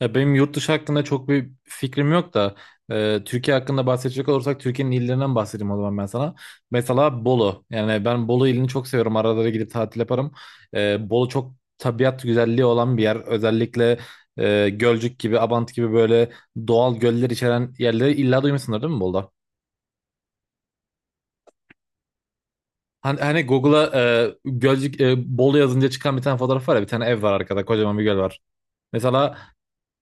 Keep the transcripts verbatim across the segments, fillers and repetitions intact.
Ya benim yurt dışı hakkında çok bir fikrim yok da e, Türkiye hakkında bahsedecek olursak Türkiye'nin illerinden bahsedeyim o zaman ben sana. Mesela Bolu. Yani ben Bolu ilini çok seviyorum. Arada da gidip tatil yaparım. E, Bolu çok tabiat güzelliği olan bir yer. Özellikle e, Gölcük gibi, Abant gibi böyle doğal göller içeren yerleri illa duymuşsundur değil mi Bolu'da? Hani, hani Google'a e, Gölcük e, Bolu yazınca çıkan bir tane fotoğraf var ya, bir tane ev var arkada, kocaman bir göl var. Mesela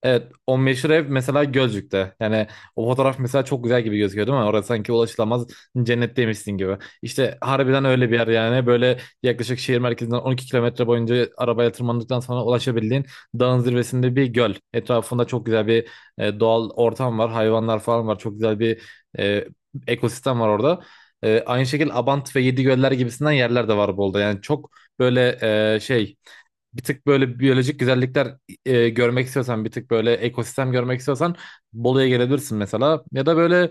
evet, o meşhur ev mesela Gölcük'te. Yani o fotoğraf mesela çok güzel gibi gözüküyor değil mi? Orası sanki ulaşılamaz cennetteymişsin gibi. İşte harbiden öyle bir yer yani. Böyle yaklaşık şehir merkezinden on iki kilometre boyunca arabayla tırmandıktan sonra ulaşabildiğin dağın zirvesinde bir göl. Etrafında çok güzel bir e, doğal ortam var. Hayvanlar falan var. Çok güzel bir e, ekosistem var orada. E, aynı şekilde Abant ve Yedigöller gibisinden yerler de var Bolu'da. Yani çok böyle e, şey bir tık böyle biyolojik güzellikler e, görmek istiyorsan, bir tık böyle ekosistem görmek istiyorsan Bolu'ya gelebilirsin mesela. Ya da böyle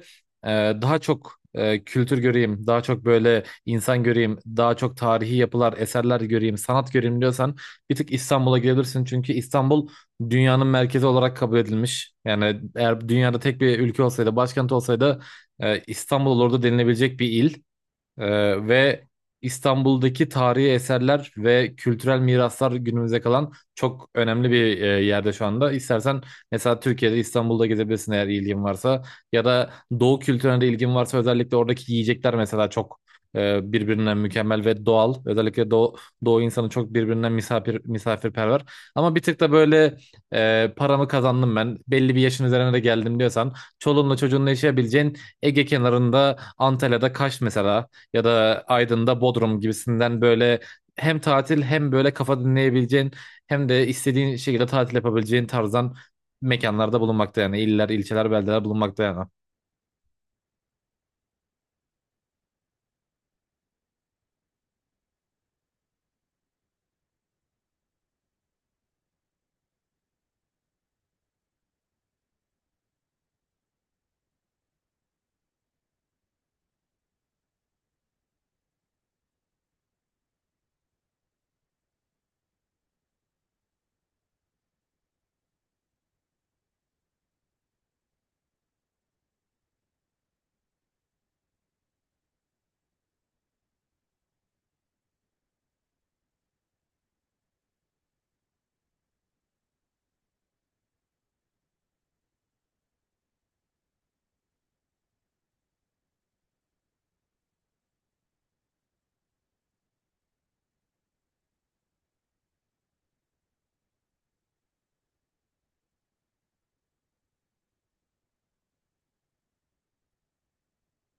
e, daha çok e, kültür göreyim, daha çok böyle insan göreyim, daha çok tarihi yapılar, eserler göreyim, sanat göreyim diyorsan bir tık İstanbul'a gelebilirsin. Çünkü İstanbul dünyanın merkezi olarak kabul edilmiş. Yani eğer dünyada tek bir ülke olsaydı, başkent olsaydı e, İstanbul olurdu denilebilecek bir il. Ee, ve İstanbul'daki tarihi eserler ve kültürel miraslar günümüze kalan çok önemli bir e, yerde şu anda. İstersen mesela Türkiye'de, İstanbul'da gezebilirsin eğer ilgin varsa, ya da Doğu kültürüne de ilgin varsa. Özellikle oradaki yiyecekler mesela çok e, birbirinden mükemmel ve doğal. Özellikle Doğu, Doğu insanı çok birbirinden misafir misafirperver. Ama bir tık da böyle e, paramı kazandım ben, belli bir yaşın üzerine de geldim diyorsan, çoluğunla çocuğunla yaşayabileceğin Ege kenarında, Antalya'da Kaş mesela, ya da Aydın'da Bodrum gibisinden, böyle hem tatil, hem böyle kafa dinleyebileceğin, hem de istediğin şekilde tatil yapabileceğin tarzdan mekanlarda bulunmakta, yani iller, ilçeler, beldeler bulunmakta yani.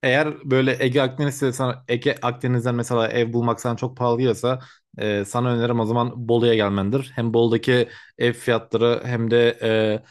Eğer böyle Ege, Akdeniz'de sana, Ege, Akdeniz'den mesela ev bulmak sana çok pahalı geliyorsa, e, sana önerim o zaman Bolu'ya gelmendir. Hem Bolu'daki ev fiyatları, hem de e,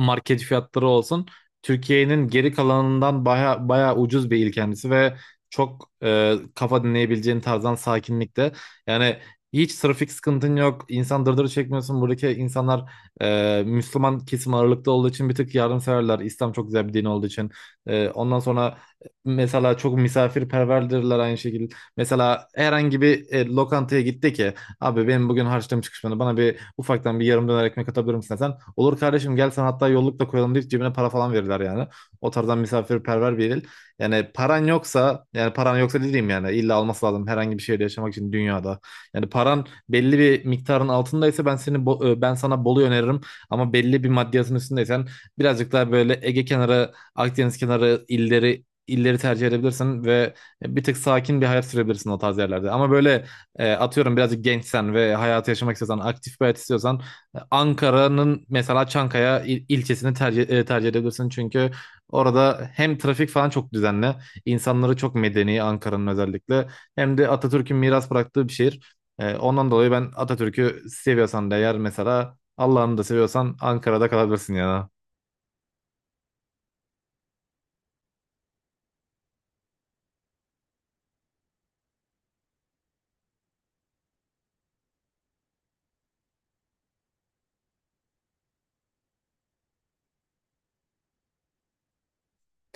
market fiyatları olsun, Türkiye'nin geri kalanından baya, baya ucuz bir il kendisi ve çok e, kafa dinleyebileceğin tarzdan sakinlikte. Yani hiç trafik sıkıntın yok. İnsan dırdırı çekmiyorsun. Buradaki insanlar e, Müslüman kesim ağırlıkta olduğu için bir tık yardımseverler. İslam çok güzel bir din olduğu için. E, ondan sonra mesela çok misafirperverdirler aynı şekilde. Mesela herhangi bir e, lokantaya gitti ki, "Abi benim bugün harçlığım çıkışmadı. Bana bir ufaktan bir yarım döner ekmek atabilir misin sen?" "Olur kardeşim gel, sen hatta yolluk da koyalım" deyip cebine para falan verirler yani. O tarzdan misafirperver bir il. Yani paran yoksa yani paran yoksa, dediğim, yani illa alması lazım herhangi bir şeyde yaşamak için dünyada. Yani paran belli bir miktarın altındaysa ben seni Bo- e, ben sana Bolu'yu öneririm, ama belli bir maddiyatın üstündeysen birazcık daha böyle Ege kenarı, Akdeniz kenarı illeri illeri tercih edebilirsin ve bir tık sakin bir hayat sürebilirsin o tarz yerlerde. Ama böyle e, atıyorum birazcık gençsen ve hayatı yaşamak istiyorsan, aktif bir hayat istiyorsan e, Ankara'nın mesela Çankaya il- ilçesini tercih, e, tercih edebilirsin. Çünkü orada hem trafik falan çok düzenli, insanları çok medeni Ankara'nın özellikle, hem de Atatürk'ün miras bıraktığı bir şehir. E, ondan dolayı ben, Atatürk'ü seviyorsan da eğer, mesela Allah'ını da seviyorsan Ankara'da kalabilirsin ya.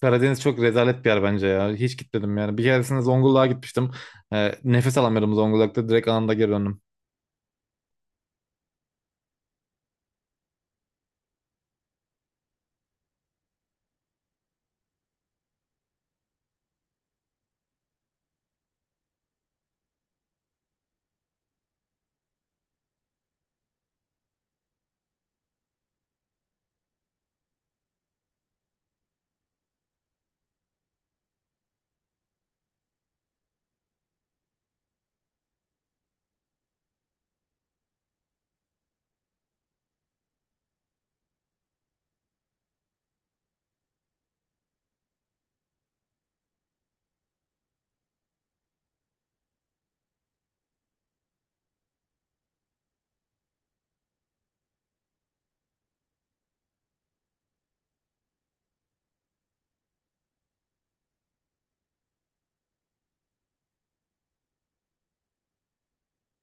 Karadeniz çok rezalet bir yer bence ya. Hiç gitmedim yani. Bir keresinde Zonguldak'a gitmiştim. E, nefes alamıyordum Zonguldak'ta. Direkt anında geri döndüm.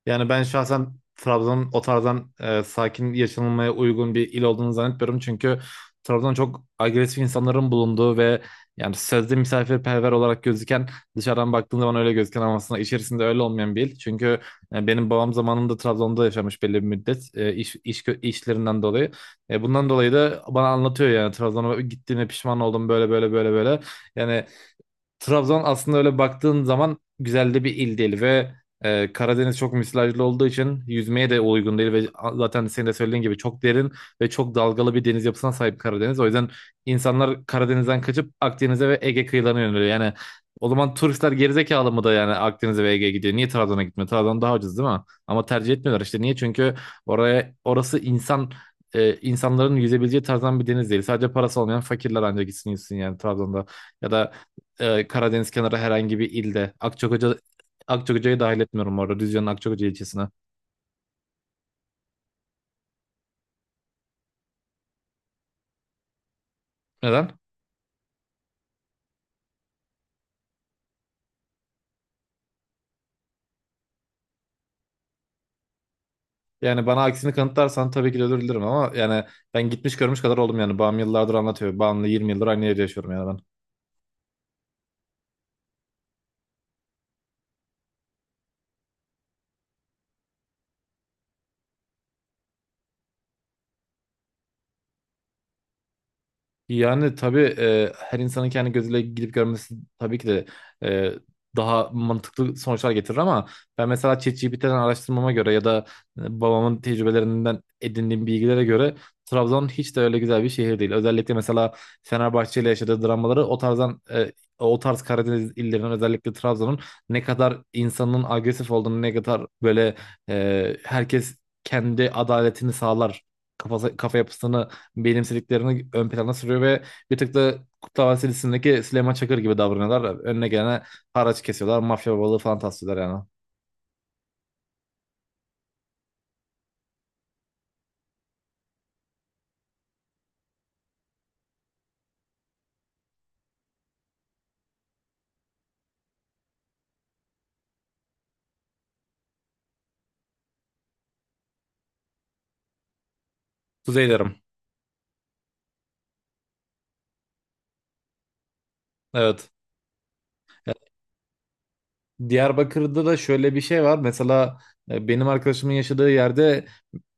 Yani ben şahsen Trabzon'un o tarzdan e, sakin yaşanılmaya uygun bir il olduğunu zannetmiyorum. Çünkü Trabzon çok agresif insanların bulunduğu ve, yani sözde misafirperver olarak gözüken, dışarıdan baktığın zaman öyle gözüken ama aslında içerisinde öyle olmayan bir il. Çünkü e, benim babam zamanında Trabzon'da yaşamış belli bir müddet e, iş, iş kö- işlerinden dolayı. E, bundan dolayı da bana anlatıyor yani, Trabzon'a gittiğine pişman oldum böyle böyle böyle böyle. Yani Trabzon aslında öyle baktığın zaman güzel de bir il değil ve e, Karadeniz çok müsilajlı olduğu için yüzmeye de uygun değil ve zaten senin de söylediğin gibi çok derin ve çok dalgalı bir deniz yapısına sahip Karadeniz. O yüzden insanlar Karadeniz'den kaçıp Akdeniz'e ve Ege kıyılarına yöneliyor. Yani o zaman turistler gerizekalı mı da yani Akdeniz'e ve Ege'ye gidiyor? Niye Trabzon'a gitmiyor? Trabzon daha ucuz değil mi? Ama tercih etmiyorlar işte. Niye? Çünkü oraya orası insan e, insanların yüzebileceği tarzdan bir deniz değil. Sadece parası olmayan fakirler ancak gitsin yüzsün yani Trabzon'da. Ya da e, Karadeniz kenarı herhangi bir ilde. Akçakoca Akçakoca'yı dahil etmiyorum orada, Düzce'nin Akçakoca ilçesine. Neden? Yani bana aksini kanıtlarsan tabii ki de özür dilerim, ama yani ben gitmiş görmüş kadar oldum yani. Babam yıllardır anlatıyor. Babamla yirmi yıldır aynı yerde yaşıyorum yani ben. Yani tabii e, her insanın kendi gözüyle gidip görmesi tabii ki de e, daha mantıklı sonuçlar getirir, ama ben mesela ChatGPT'den araştırmama göre ya da e, babamın tecrübelerinden edindiğim bilgilere göre Trabzon hiç de öyle güzel bir şehir değil. Özellikle mesela Fenerbahçe ile yaşadığı dramaları o tarzdan e, o tarz Karadeniz illerinin, özellikle Trabzon'un ne kadar insanın agresif olduğunu, ne kadar böyle e, herkes kendi adaletini sağlar kafası, kafa yapısını benimsediklerini ön plana sürüyor ve bir tık da Kurtlar Vadisi dizisindeki Süleyman Çakır gibi davranıyorlar. Önüne gelene haraç kesiyorlar. Mafya babalığı falan taslıyorlar yani. Kuzey derim. Evet. E, Diyarbakır'da da şöyle bir şey var. Mesela e, benim arkadaşımın yaşadığı yerde,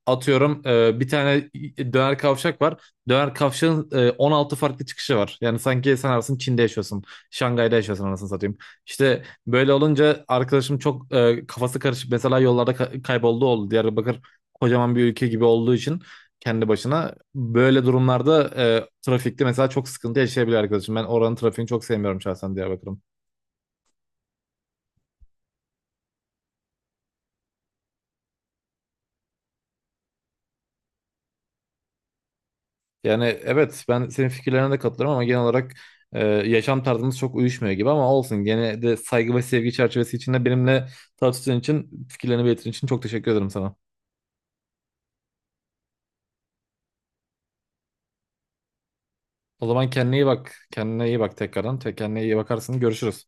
atıyorum, e, bir tane döner kavşak var. Döner kavşağın e, on altı farklı çıkışı var. Yani sanki sen arasın Çin'de yaşıyorsun, Şangay'da yaşıyorsun anasını satayım. İşte böyle olunca arkadaşım çok e, kafası karışık. Mesela yollarda ka- kayboldu oldu. Diyarbakır kocaman bir ülke gibi olduğu için kendi başına. Böyle durumlarda e, trafikte mesela çok sıkıntı yaşayabilir arkadaşım. Ben oranın trafiğini çok sevmiyorum şahsen, Diyarbakır'ın. Yani evet, ben senin fikirlerine de katılıyorum ama genel olarak e, yaşam tarzımız çok uyuşmuyor gibi, ama olsun. Gene de saygı ve sevgi çerçevesi içinde benimle tartıştığın için, fikirlerini belirttiğin için çok teşekkür ederim sana. O zaman kendine iyi bak. Kendine iyi bak tekrardan. Te- Kendine iyi bakarsın. Görüşürüz.